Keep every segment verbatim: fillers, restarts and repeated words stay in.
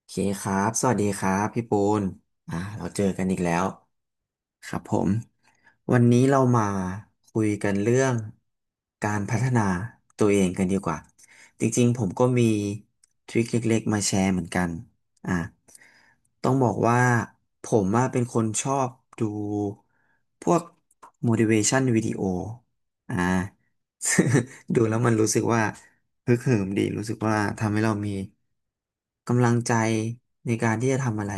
โอเคครับ สวัสดีครับพี่ปูนอ่าเราเจอกันอีกแล้วครับผมวันนี้เรามาคุยกันเรื่องการพัฒนาตัวเองกันดีกว่าจริงๆผมก็มีทริคเล็กๆมาแชร์เหมือนกันอ่าต้องบอกว่าผมอะเป็นคนชอบดูพวก motivation video อ่า ดูแล้วมันรู้สึกว่า ฮึกเหิมดีรู้สึกว่าทำให้เรามีกำลังใจในการที่จะทำอะไร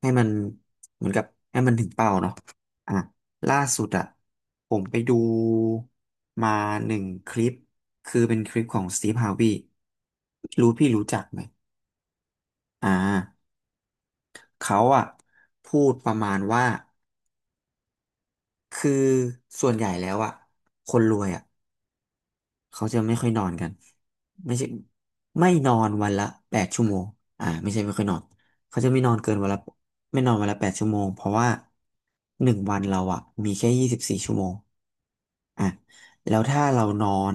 ให้มันเหมือนกับให้มันถึงเป้าเนาะอ่ะล่าสุดอ่ะผมไปดูมาหนึ่งคลิปคือเป็นคลิปของสตีฟฮาร์วีรู้พี่รู้จักไหมอ่าเขาอ่ะพูดประมาณว่าคือส่วนใหญ่แล้วอ่ะคนรวยอ่ะ เขาจะไม่ค่อยนอนกันไม่ใช่ไม่นอนวันละแปดชั่วโมงอ่าไม่ใช่ไม่ค่อยนอนเขาจะไม่นอนเกินวันละไม่นอนวันละแปดชั่วโมงเพราะว่าหนึ่งวันเราอะมีแค่ยี่สิบสี่ชั่วโมงอ่ะแล้วถ้าเรานอน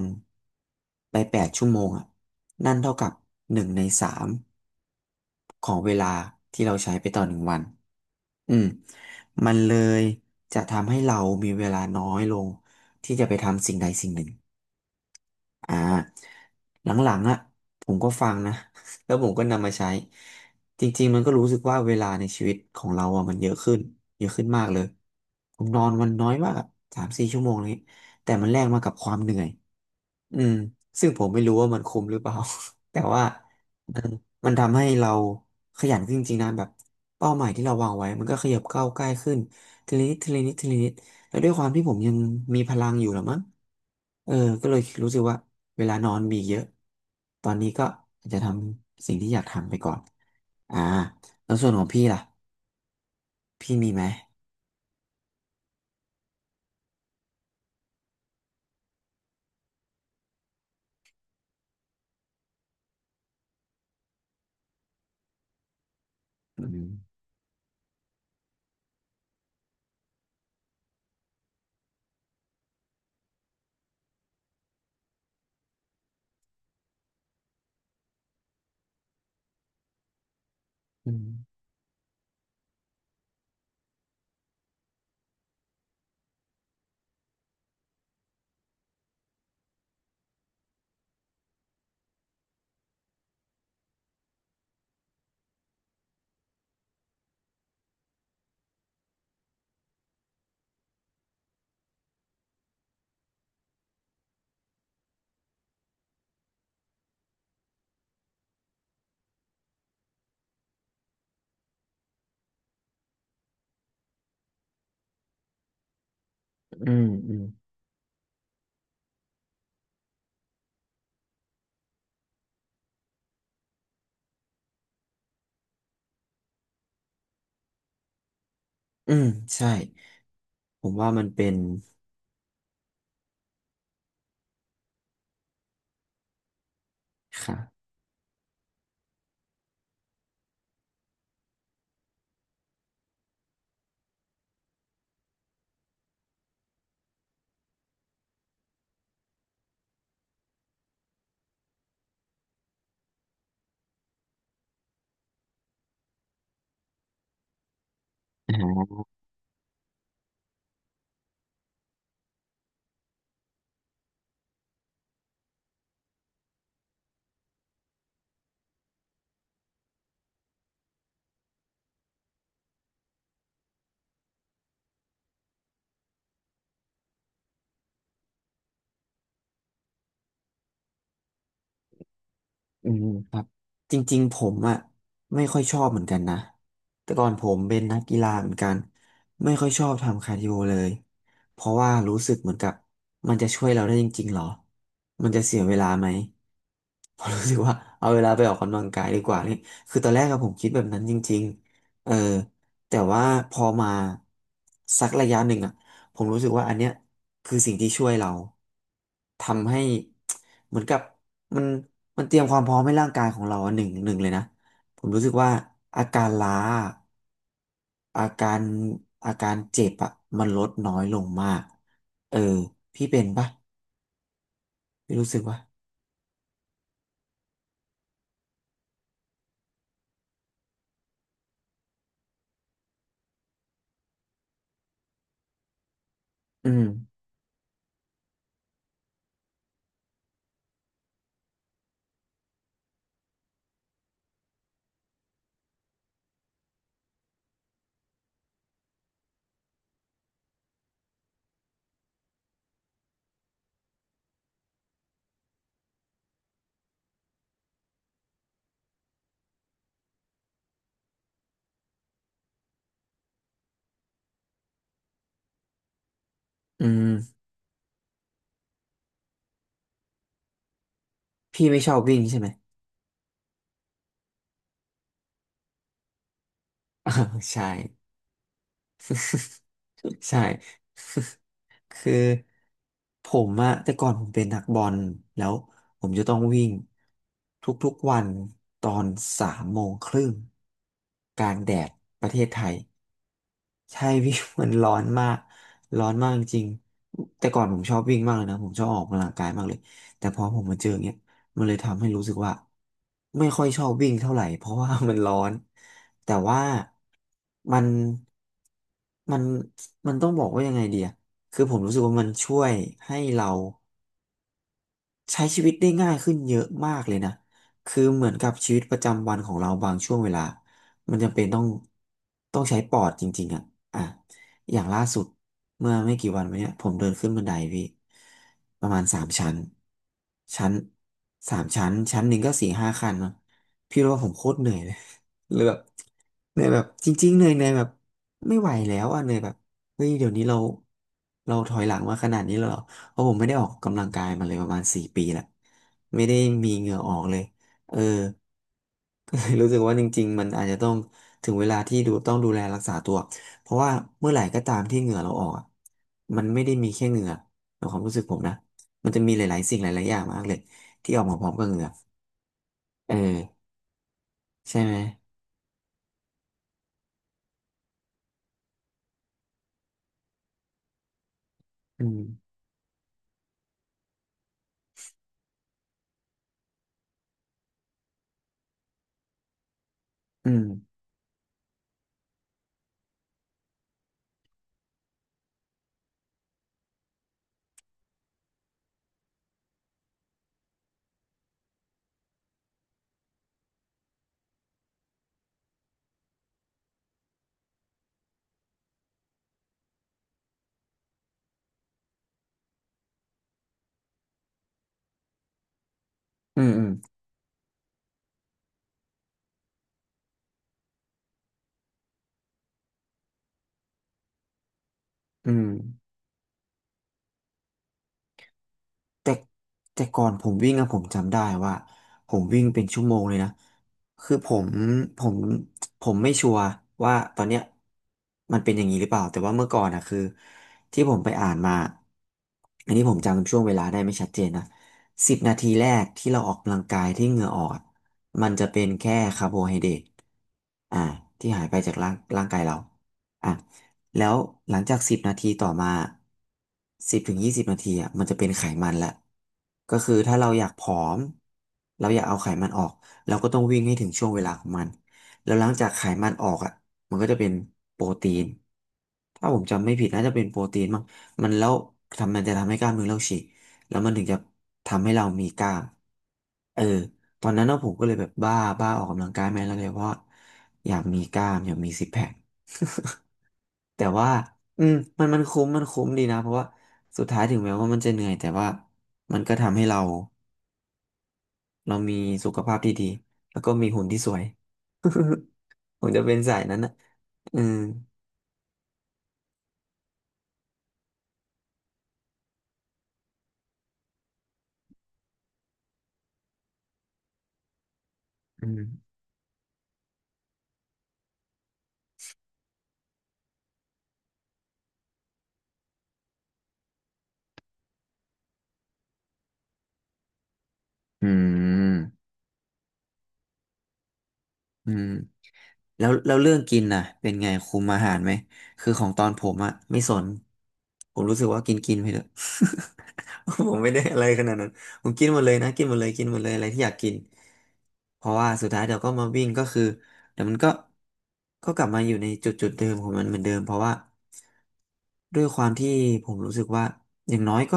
ไปแปดชั่วโมงอ่ะนั่นเท่ากับหนึ่งในสามของเวลาที่เราใช้ไปต่อหนึ่งวันอืมมันเลยจะทำให้เรามีเวลาน้อยลงที่จะไปทำสิ่งใดสิ่งหนึ่ง อ่าหลังๆอ่ะผมก็ฟังนะ แล้วผมก็นำมาใช้จริงๆมันก็รู้สึกว่าเวลาในชีวิตของเราอ่ะมันเยอะขึ้นเยอะขึ้นมากเลยผมนอนวันน้อยมากสามสี่ชั่วโมงเลยแต่มันแลกมากับความเหนื่อย อืมซึ่งผมไม่รู้ว่ามันคุ้มหรือเปล่า แต่ว่ามันมันทำให้เราขยันขึ้นจริงๆนะแบบเป้าหมายที่เราวางไว้มันก็ขยับก้าวใกล้ขึ้นทีละนิดทีละนิดทีละนิดแล้วด้วยความที่ผมยังมีพลังอยู่หรอมั้งเออก็เลยรู้สึกว่าเวลานอนมีเยอะตอนนี้ก็อาจจะทำสิ่งที่อยากทำไปก่อนอ่าแล้วส่วนของพี่ล่ะพี่มีไหมอืมอืมอืมอืมอืมใช่ผมว่ามันเป็นค่ะอืม จริงๆผมอ่ะไม่ค่อยชอบเหมือนกันนะแต่ก่อนผมเป็นนักกีฬาเหมือนกันไม่ค่อยชอบทำคาร์ดิโอเลยเพราะว่ารู้สึกเหมือนกับมันจะช่วยเราได้จริงๆหรอมันจะเสียเวลาไหมผมรู้สึกว่าเอาเวลาไปออกกำลังกายดีกว่านี่คือตอนแรกอะผมคิดแบบนั้นจริงๆเออแต่ว่าพอมาสักระยะหนึ่งอะผมรู้สึกว่าอันเนี้ยคือสิ่งที่ช่วยเราทำให้ เหมือนกับมัน มันเตรียมความพร้อมให้ร่างกายของเราอะหนึ่งหนึ่งเลยนะผมรู้สึกว่าอาการล้าอาการอาการเจ็บอะมันลดน้อยลงมากเออพี่เป็นปะพี่รู้สึกว่าอืมอืมพี่ไม่ชอบวิ่งใช่ไหม ใช่ ใช่ คือผมอะแต่ก่อนผมเป็นนักบอลแล้วผมจะต้องวิ่งทุกๆวันตอนสามโมงครึ่งกลางแดดประเทศไทย ใช่พี่ มันร้อนมากร้อนมากจริงๆแต่ก่อนผมชอบวิ่งมากเลยนะผมชอบออกกำลังกายมากเลยแต่พอผมมาเจออย่างเงี้ยมันเลยทำให้รู้สึกว่าไม่ค่อยชอบวิ่งเท่าไหร่เพราะว่ามันร้อนแต่ว่ามันมันมันต้องบอกว่ายังไงดีอะคือผมรู้สึกว่ามันช่วยให้เรา ใช้ชีวิตได้ง่ายขึ้นเยอะมากเลยนะ คือเหมือนกับชีวิตประจำวันของเราบางช่วงเวลา มันจำเป็นต้องต้องใช้ปอดจริงๆอ่ะอ่ะ อย่างล่าสุดเมื่อไม่กี่วันมาเนี้ยผมเดินขึ้นบันไดพี่ประมาณสามชั้นชั้นสามชั้นชั้นหนึ่งก็สี่ห้าขั้นเนาะพี่รู้ว่าผมโคตรเหนื่อยเลย เลยแบบเหนื่อยแบบจริงๆเหนื่อยเหนื่อยแบบไม่ไหวแล้วอ่ะเหนื่อยแบบเฮ้ยเดี๋ยวนี้เราเราถอยหลังมาขนาดนี้แล้วเหรอ เพราะผมไม่ได้ออกกำลังกายมาเลยประมาณสี่ปีละไม่ได้มีเหงื่อออกเลยเออ ก็เลยรู้สึกว่าจริงๆมันอาจจะต้องถึงเวลาที่ดูต้องดูแลรักษาตัวเพราะว่าเมื่อไหร่ก็ตามที่เหงื่อเราออกอะมันไม่ได้มีแค่เหงื่อในความรู้สึกผมนะมันจะมีหลายๆสิ่งหลายๆอย่างมากเลยที่ออกมาพร้อมกับเหงื่อเออใช่ไหมอืมอืมอืมอืมอืม แต่แต่ก่อนผมวิ่งอะผมจำได้ว่าผมวิ่งเป็นชั่วโมงเลยนะคือผมผมผมไม่ชัวร์ว่าตอนเนี้ยมันเป็นอย่างนี้หรือเปล่าแต่ว่าเมื่อก่อนอะคือที่ผมไปอ่านมาอันนี้ผมจำช่วงเวลาได้ไม่ชัดเจนนะสิบนาทีแรกที่เราออกกำลังกายที่เหงื่อออกอะมันจะเป็นแค่คาร์โบไฮเดรตอ่าที่หายไปจากร่างร่างกายเราอ่ะ แล้วหลังจากสิบนาทีต่อมาสิบถึงยี่สิบนาทีอ่ะมันจะเป็นไขมันละก็คือถ้าเราอยากผอมเราอยากเอาไขมันออกเราก็ต้องวิ่งให้ถึงช่วงเวลาของมันแล้วหลังจากไขมันออกอ่ะมันก็จะเป็นโปรตีนถ้าผมจำไม่ผิดน่าจะเป็นโปรตีนมั้งมันแล้วทำมันจะทำให้กล้ามเนื้อเราฉีกแล้วมันถึงจะทำให้เรามีกล้ามเออตอนนั้นนะผมก็เลยแบบบ้าบ้าออกกำลังกายแม่แล้วเลยเพราะอยากมีกล้ามอยากมีซิกแพค แต่ว่าอืมมันมันคุ้มมันคุ้มดีนะ เพราะว่าสุดท้ายถึงแม้ว่ามันจะเหนื่อยแต่ว่ามันก็ทำให้เราเรามีสุขภาพที่ดีแล้วก็มีหุ่นที่สวย ผมจะเป็นสายนั้นนะอืมอืมอืมอืม แล้วแล้วเรื่องกินน่ะเป็นไงคุมอาหารไหมคือของตอนผมอะไม่สนผมรู้สึกว่ากินกินไปเถอะ ผมไม่ได้อะไรขนาดนั้นผมกินหมดเลยนะกินหมดเลยกินหมดเลยอะไรที่อยากกินเพราะว่าสุดท้ายเดี๋ยวก็มาวิ่งก็คือเดี๋ยวมันก็ก็กลับมาอยู่ในจุดจุดเดิมของมันเหมือนเดิมเพราะว่าด้วยความที่ผมรู้สึกว่าอย่างน้อยก็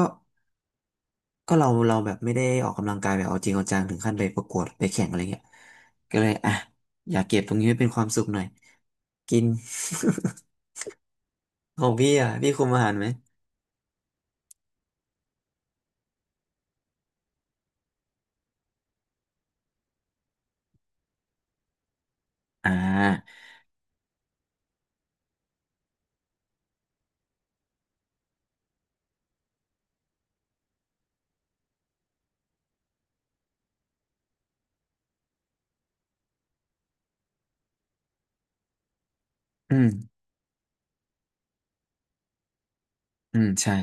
ก็เราเราแบบไม่ได้ออกกำลังกายแบบเอาจริงเอาจังถึงขั้นไปประกวดไปแข่งอะไรเงี้ยก็เลยอ่ะอยากเก็บตรงนี้ไว้เป็นความสุขหน่อยกิน ของพี่อ่ะพี่คุมอาหารไหมอ่าอืมอืมใช่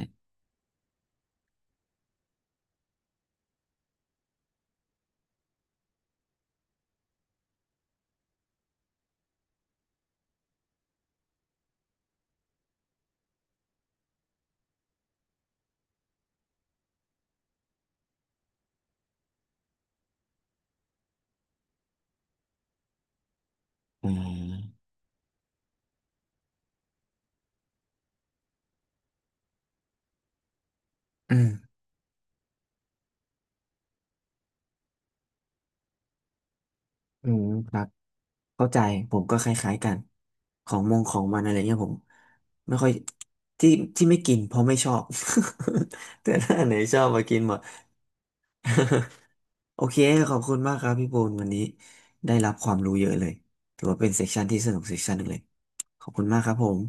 อืมอืมอืมครับเข้าใจผมก็คล้ายๆกันของมงของมันอะไรเงี้ยผมไม่ค่อยที่ที่ไม่กินเพราะไม่ชอบ แต่ถ้าอันไหนชอบมากินหมด โอเคขอบคุณมากครับพี่โบนวันนี้ได้รับความรู้เยอะเลยถือว่าเป็นเซสชันที่สนุกเซสชันหนึ่งเลยขอบคุณมากครับผม